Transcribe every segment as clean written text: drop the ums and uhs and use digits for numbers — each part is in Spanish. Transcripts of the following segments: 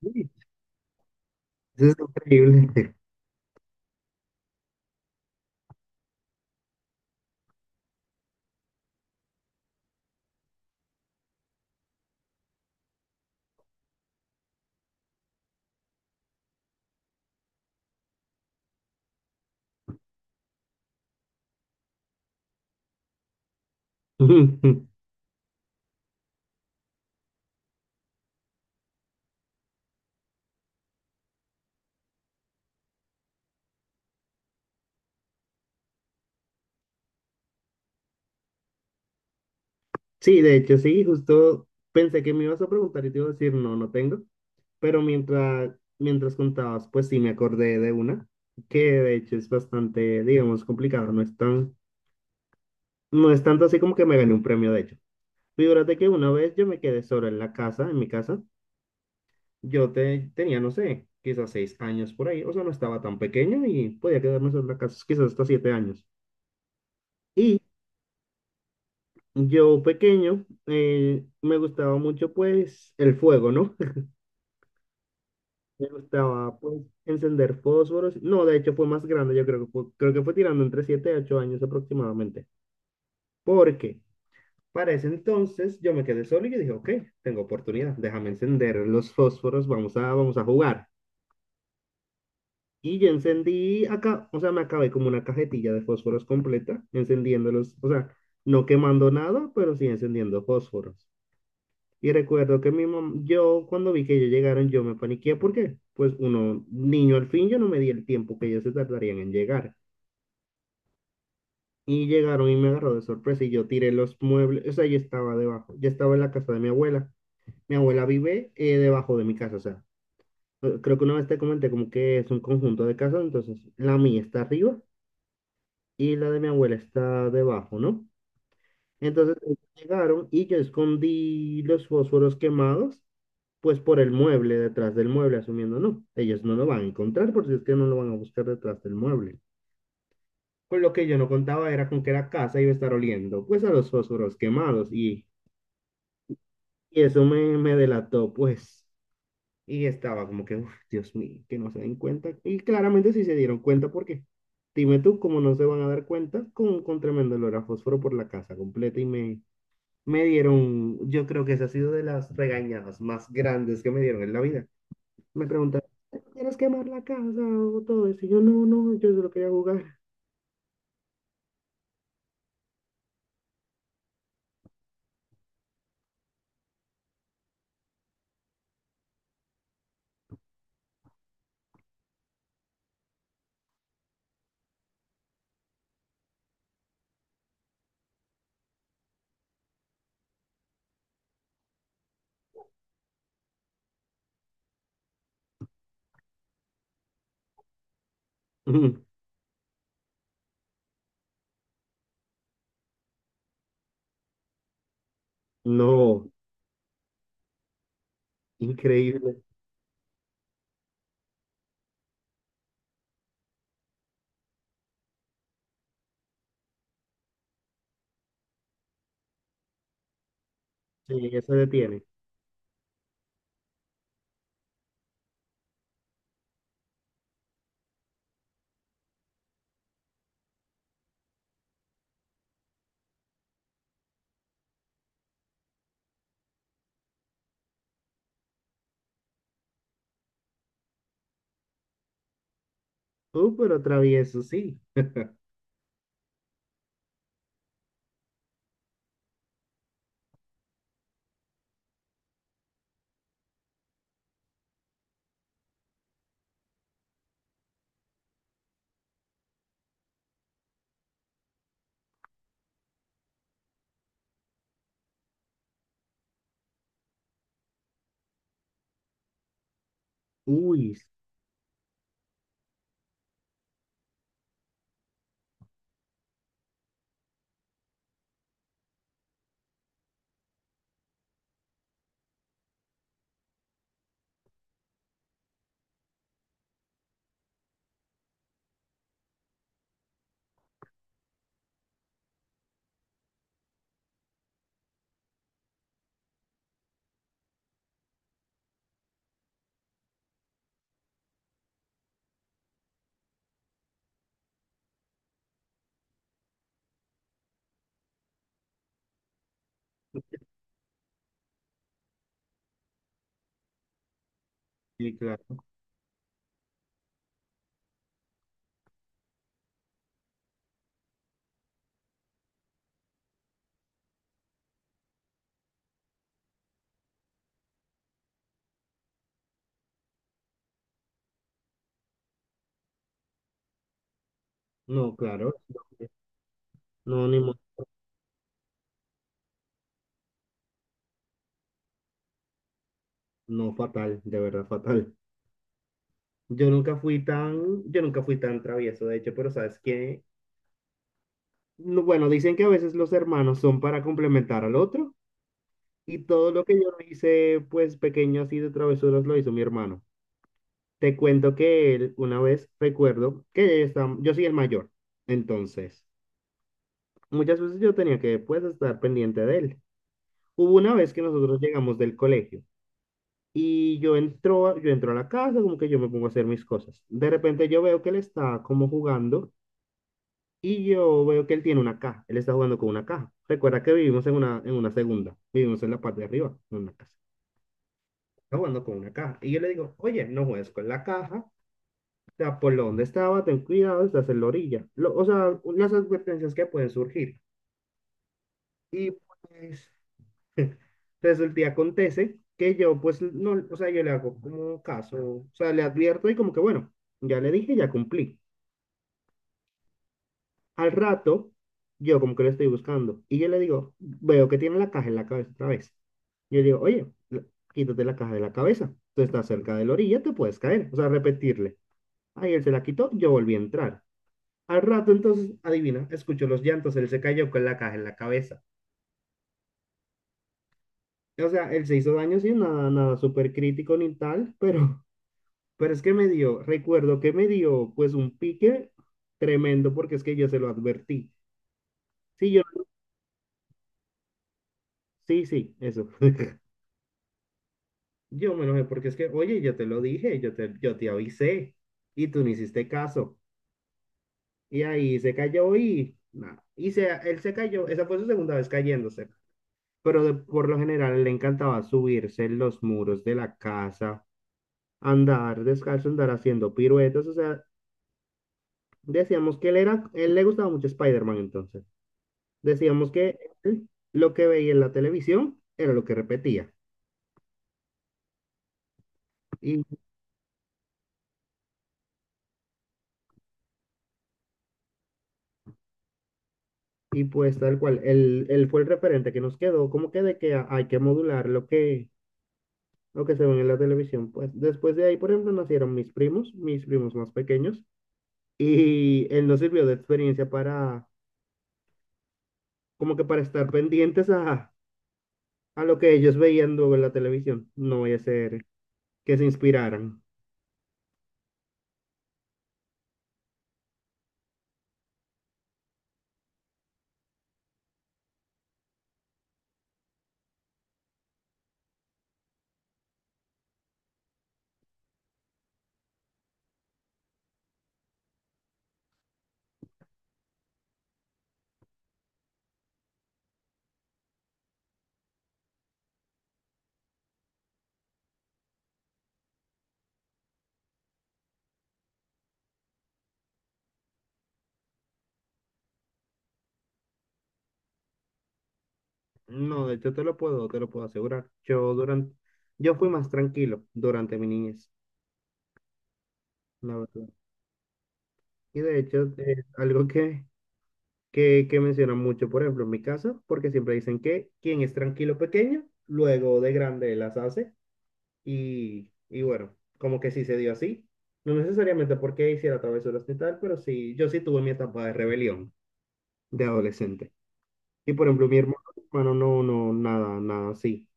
Sí, eso es increíble. Sí, de hecho, sí, justo pensé que me ibas a preguntar y te iba a decir, no, no tengo, pero mientras contabas, pues sí me acordé de una, que de hecho es bastante, digamos, complicada, no es tan, no es tanto así como que me gané un premio, de hecho. Figúrate que una vez yo me quedé solo en la casa, en mi casa, tenía, no sé, quizás 6 años por ahí, o sea, no estaba tan pequeño y podía quedarme solo en la casa, quizás hasta 7 años. Yo pequeño me gustaba mucho pues el fuego, ¿no? Me gustaba pues encender fósforos. No, de hecho fue más grande, yo creo que fue tirando entre 7 a 8 años aproximadamente. Porque para ese entonces yo me quedé solo y yo dije, ok, tengo oportunidad, déjame encender los fósforos, vamos a jugar. Y yo encendí acá, o sea, me acabé como una cajetilla de fósforos completa, encendiéndolos, o sea, no quemando nada, pero sí encendiendo fósforos. Y recuerdo que yo cuando vi que ellos llegaron, yo me paniqué porque, pues uno, niño al fin, yo no me di el tiempo que ellos se tardarían en llegar. Y llegaron y me agarró de sorpresa y yo tiré los muebles, o sea, yo estaba debajo, yo estaba en la casa de mi abuela. Mi abuela vive debajo de mi casa, o sea, creo que una vez te comenté como que es un conjunto de casas, entonces la mía está arriba y la de mi abuela está debajo, ¿no? Entonces ellos llegaron y yo escondí los fósforos quemados pues por el mueble, detrás del mueble, asumiendo, no, ellos no lo van a encontrar porque es que no lo van a buscar detrás del mueble. Con lo que yo no contaba era con que la casa iba a estar oliendo, pues a los fósforos quemados y, me delató, pues. Y estaba como que, "Uf, Dios mío, que no se den cuenta." Y claramente sí se dieron cuenta porque, dime tú, cómo no se van a dar cuenta con tremendo olor a fósforo por la casa completa y me dieron, yo creo que esa ha sido de las regañadas más grandes que me dieron en la vida. Me preguntaron quieres quemar la casa o todo eso. Y yo no, no, yo solo quería jugar. No, increíble. Sí, ya se detiene. Pero travieso, sí. Uy, sí, claro. No, claro. No, no, ni mo- no, fatal, de verdad, fatal. Yo nunca fui tan travieso, de hecho, pero ¿sabes qué? No, bueno, dicen que a veces los hermanos son para complementar al otro y todo lo que yo no hice, pues pequeño así de travesuras, lo hizo mi hermano. Te cuento que él, una vez recuerdo que está- yo soy el mayor, entonces muchas veces yo tenía que pues estar pendiente de él. Hubo una vez que nosotros llegamos del colegio y yo entro a la casa, como que yo me pongo a hacer mis cosas. De repente yo veo que él está como jugando y yo veo que él tiene una caja, él está jugando con una caja. Recuerda que vivimos en una segunda, vivimos en la parte de arriba, en una casa. Está jugando con una caja. Y yo le digo, oye, no juegues con la caja. Sea, por donde estaba, ten cuidado, estás en la orilla. O sea, las advertencias que pueden surgir. Y pues resulta y acontece que yo pues no, o sea, yo le hago como caso, o sea, le advierto y como que bueno, ya le dije, ya cumplí. Al rato, yo como que le estoy buscando y yo le digo, veo que tiene la caja en la cabeza otra vez. Yo le digo, quítate la caja de la cabeza, tú estás cerca de la orilla, te puedes caer, o sea, repetirle. Ahí él se la quitó, yo volví a entrar. Al rato, entonces, adivina, escuchó los llantos, él se cayó con la caja en la cabeza. O sea, él se hizo daño, sí, nada, nada súper crítico ni tal, pero es que me dio, recuerdo que me dio, pues, un pique tremendo, porque es que yo se lo advertí. Sí, yo, sí, sí, eso. Yo me enojé, porque es que, oye, yo te lo dije, yo te avisé, y tú no hiciste caso. Y ahí se cayó y, nada, él se cayó, esa fue su segunda vez cayéndose. Pero por lo general le encantaba subirse en los muros de la casa, andar descalzo, andar haciendo piruetas, o sea, decíamos que él era, él le gustaba mucho Spider-Man entonces. Decíamos que él lo que veía en la televisión era lo que repetía. Y, y pues tal cual, él fue el referente que nos quedó, como que de que hay que modular lo que se ve en la televisión. Pues después de ahí, por ejemplo, nacieron mis primos más pequeños, y él nos sirvió de experiencia para como que para estar pendientes a lo que ellos veían luego en la televisión. No voy a ser que se inspiraran. No, de hecho te lo puedo asegurar. Yo fui más tranquilo durante mi niñez, la verdad. Y de hecho es algo que mencionan mucho, por ejemplo, en mi casa, porque siempre dicen que quien es tranquilo pequeño, luego de grande las hace. Y bueno, como que sí se dio así. No necesariamente porque hiciera travesuras ni tal, pero sí, yo sí tuve mi etapa de rebelión de adolescente. Y por ejemplo, mi hermano no, no, nada, nada así.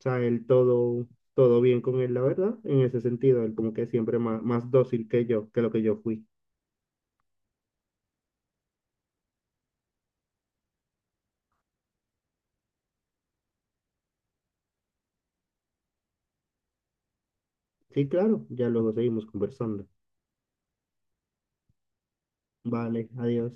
O sea, él todo, todo bien con él, la verdad, en ese sentido, él como que siempre más, más dócil que yo, que lo que yo fui. Sí, claro, ya luego seguimos conversando. Vale, adiós.